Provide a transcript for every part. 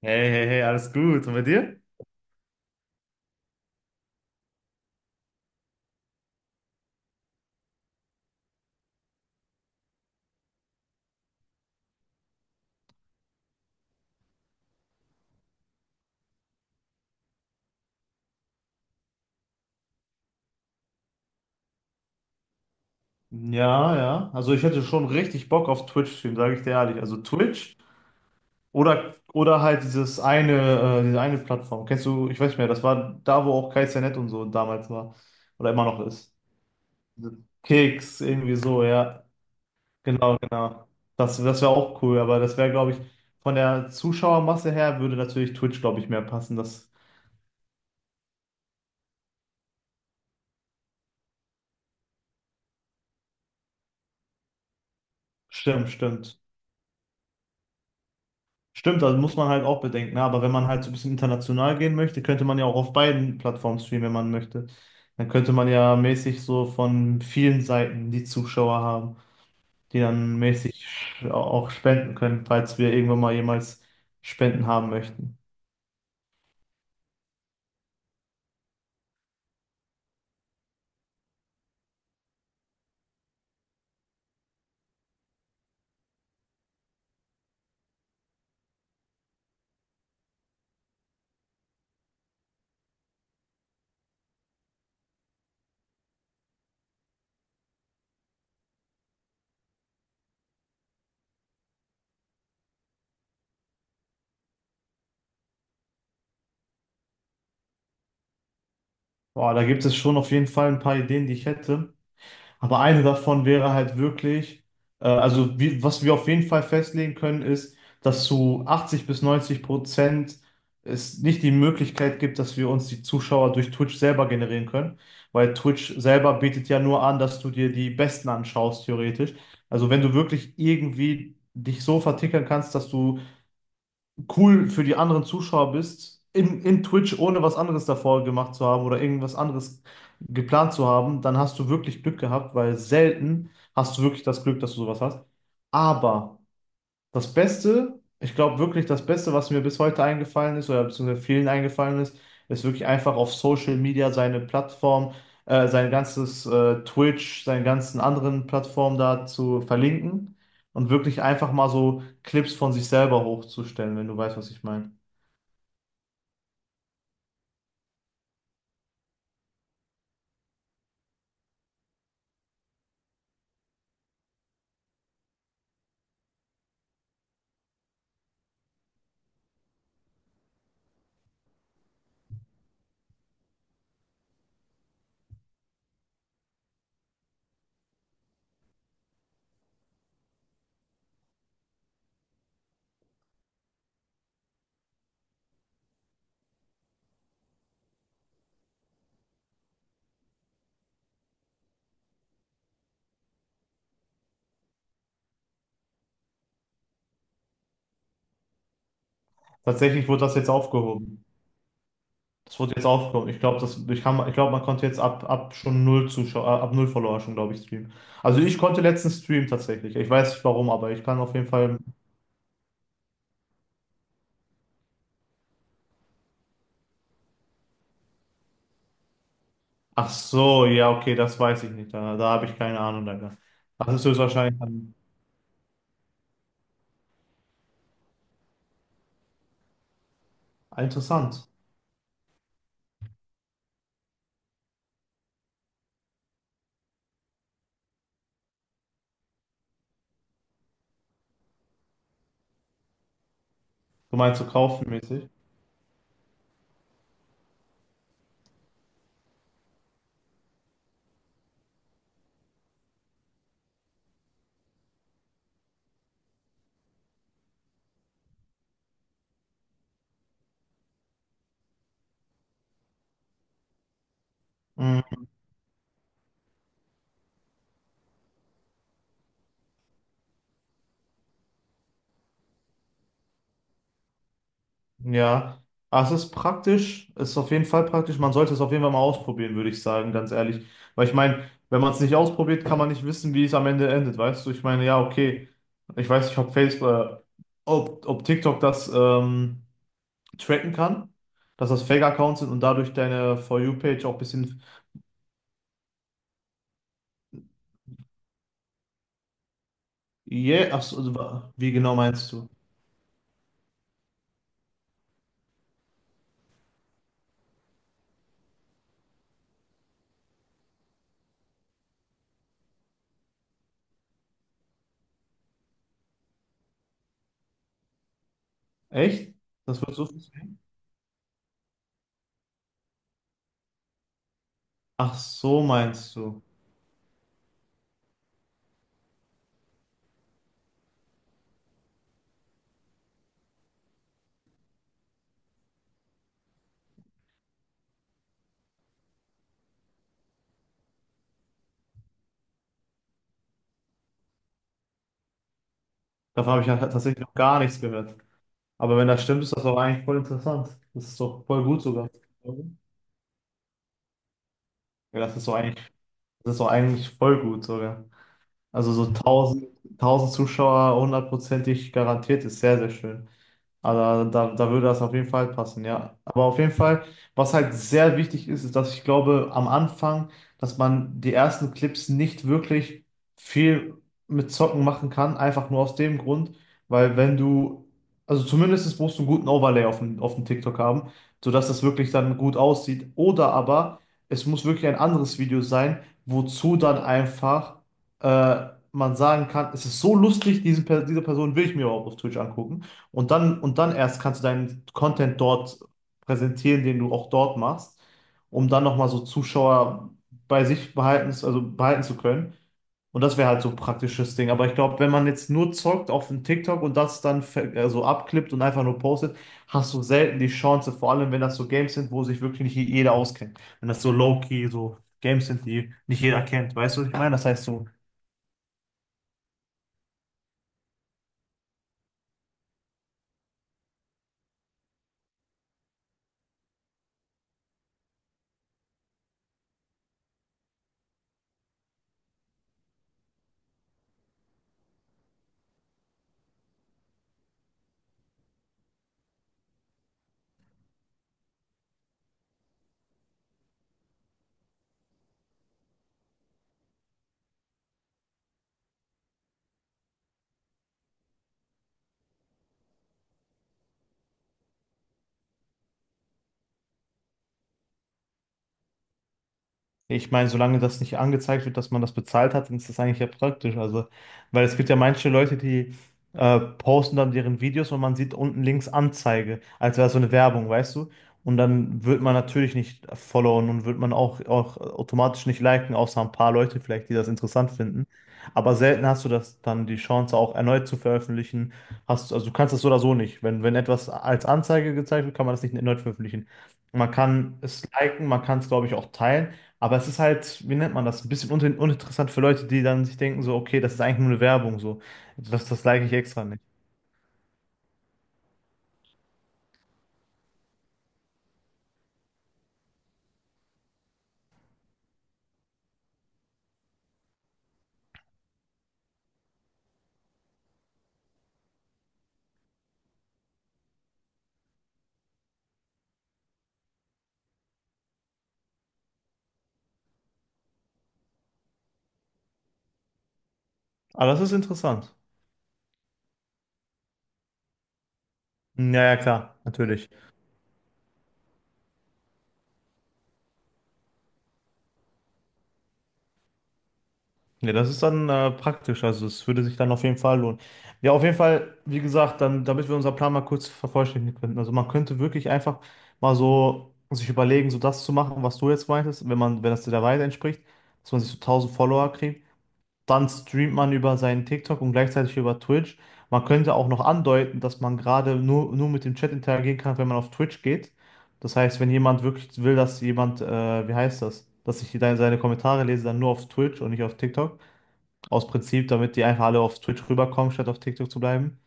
Hey, hey, hey, alles gut. Und bei dir? Ja, ja. Also ich hätte schon richtig Bock auf Twitch-Stream, sage ich dir ehrlich. Also Twitch oder halt diese eine Plattform. Kennst du, ich weiß nicht mehr, das war da, wo auch KZNet und so damals war. Oder immer noch ist. Keks, irgendwie so, ja. Genau, genau. Das wäre auch cool, aber das wäre, glaube ich, von der Zuschauermasse her würde natürlich Twitch, glaube ich, mehr passen. Das stimmt, stimmt. Stimmt, also muss man halt auch bedenken, ne? Aber wenn man halt so ein bisschen international gehen möchte, könnte man ja auch auf beiden Plattformen streamen, wenn man möchte. Dann könnte man ja mäßig so von vielen Seiten die Zuschauer haben, die dann mäßig auch spenden können, falls wir irgendwann mal jemals Spenden haben möchten. Boah, da gibt es schon auf jeden Fall ein paar Ideen, die ich hätte. Aber eine davon wäre halt wirklich, was wir auf jeden Fall festlegen können, ist, dass zu 80 bis 90% es nicht die Möglichkeit gibt, dass wir uns die Zuschauer durch Twitch selber generieren können, weil Twitch selber bietet ja nur an, dass du dir die Besten anschaust, theoretisch. Also wenn du wirklich irgendwie dich so vertickern kannst, dass du cool für die anderen Zuschauer bist, in Twitch, ohne was anderes davor gemacht zu haben oder irgendwas anderes geplant zu haben, dann hast du wirklich Glück gehabt, weil selten hast du wirklich das Glück, dass du sowas hast. Aber das Beste, ich glaube wirklich, das Beste, was mir bis heute eingefallen ist oder beziehungsweise vielen eingefallen ist, ist wirklich einfach auf Social Media seine Plattform, sein ganzes Twitch, seine ganzen anderen Plattformen da zu verlinken und wirklich einfach mal so Clips von sich selber hochzustellen, wenn du weißt, was ich meine. Tatsächlich wurde das jetzt aufgehoben. Das wurde jetzt aufgehoben. Ich glaube, ich glaube, man konnte jetzt ab schon null Zuschauer, ab null Follower schon, glaube ich, streamen. Also ich konnte letztens streamen tatsächlich. Ich weiß nicht warum, aber ich kann auf jeden Fall. Ach so, ja, okay, das weiß ich nicht. Da habe ich keine Ahnung davon. Das ist höchstwahrscheinlich dann ah, interessant. Du meinst so kaufenmäßig? Mm, ja. Ah, es ist praktisch, es ist auf jeden Fall praktisch. Man sollte es auf jeden Fall mal ausprobieren, würde ich sagen, ganz ehrlich. Weil ich meine, wenn man es nicht ausprobiert, kann man nicht wissen, wie es am Ende endet, weißt du? Ich meine, ja, okay. Ich weiß nicht, ob Facebook, ob TikTok das tracken kann, dass das Fake-Accounts sind und dadurch deine For You-Page auch ein bisschen. Yeah, ach so, also, wie genau meinst du? Echt? Das wird so viel sein? Ach, so meinst du. Davon habe ich ja tatsächlich noch gar nichts gehört. Aber wenn das stimmt, ist das doch eigentlich voll interessant. Das ist doch voll gut sogar. Ja, das ist doch eigentlich, das ist doch eigentlich voll gut sogar. Also so 1000, 1000 Zuschauer hundertprozentig garantiert ist sehr, sehr schön. Also da würde das auf jeden Fall passen, ja. Aber auf jeden Fall, was halt sehr wichtig ist, ist, dass ich glaube, am Anfang, dass man die ersten Clips nicht wirklich viel mit Zocken machen kann, einfach nur aus dem Grund, weil wenn du, also zumindest musst du einen guten Overlay auf dem TikTok haben, sodass das wirklich dann gut aussieht. Oder aber es muss wirklich ein anderes Video sein, wozu dann einfach man sagen kann, es ist so lustig, diese Person will ich mir überhaupt auf Twitch angucken. Und dann erst kannst du deinen Content dort präsentieren, den du auch dort machst, um dann nochmal so Zuschauer bei sich behalten, also behalten zu können. Und das wäre halt so ein praktisches Ding. Aber ich glaube, wenn man jetzt nur zockt auf dem TikTok und das dann so abklippt und einfach nur postet, hast du selten die Chance, vor allem wenn das so Games sind, wo sich wirklich nicht jeder auskennt. Wenn das so low-key, so Games sind, die nicht jeder kennt. Weißt du, was ich meine? Das heißt so. Ich meine, solange das nicht angezeigt wird, dass man das bezahlt hat, dann ist das eigentlich ja praktisch. Also, weil es gibt ja manche Leute, die posten dann deren Videos und man sieht unten links Anzeige, als wäre so eine Werbung, weißt du? Und dann wird man natürlich nicht followen und wird man auch automatisch nicht liken, außer ein paar Leute vielleicht, die das interessant finden. Aber selten hast du das dann die Chance, auch erneut zu veröffentlichen. Also du kannst das so oder so nicht. Wenn etwas als Anzeige gezeigt wird, kann man das nicht erneut veröffentlichen. Man kann es liken, man kann es, glaube ich, auch teilen. Aber es ist halt, wie nennt man das, ein bisschen un uninteressant für Leute, die dann sich denken, so, okay, das ist eigentlich nur eine Werbung, so. Das like ich extra nicht. Aber das ist interessant. Hm, ja, ja, klar, natürlich. Ja, das ist dann praktisch, also es würde sich dann auf jeden Fall lohnen. Ja, auf jeden Fall, wie gesagt, dann, damit wir unseren Plan mal kurz vervollständigen könnten. Also man könnte wirklich einfach mal so sich überlegen, so das zu machen, was du jetzt meintest, wenn das der Wahrheit entspricht, dass man sich so 1000 Follower kriegt. Dann streamt man über seinen TikTok und gleichzeitig über Twitch. Man könnte auch noch andeuten, dass man gerade nur mit dem Chat interagieren kann, wenn man auf Twitch geht. Das heißt, wenn jemand wirklich will, dass jemand, wie heißt das, dass ich seine Kommentare lese, dann nur auf Twitch und nicht auf TikTok. Aus Prinzip, damit die einfach alle auf Twitch rüberkommen, statt auf TikTok zu bleiben.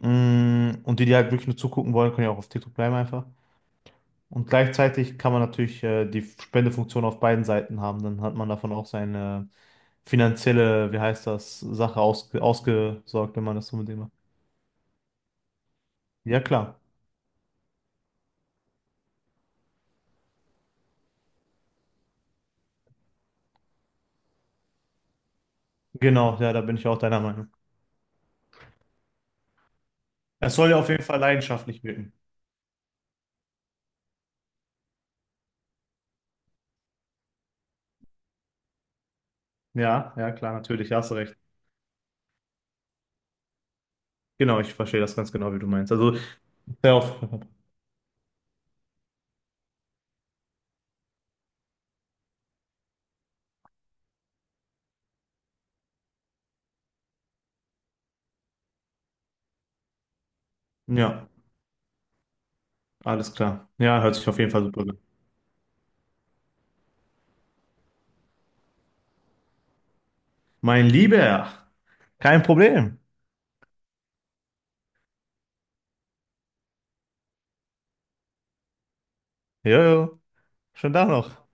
Und die, die halt wirklich nur zugucken wollen, können ja auch auf TikTok bleiben einfach. Und gleichzeitig kann man natürlich die Spendefunktion auf beiden Seiten haben. Dann hat man davon auch seine finanzielle, wie heißt das, Sache ausgesorgt, wenn man das so mit dem macht. Ja, klar. Genau, ja, da bin ich auch deiner Meinung. Es soll ja auf jeden Fall leidenschaftlich wirken. Ja, ja, klar, natürlich, hast du recht. Genau, ich verstehe das ganz genau, wie du meinst. Also, sehr auf. Ja, alles klar. Ja, hört sich auf jeden Fall super an. Mein Lieber, kein Problem. Jojo, schönen Tag noch.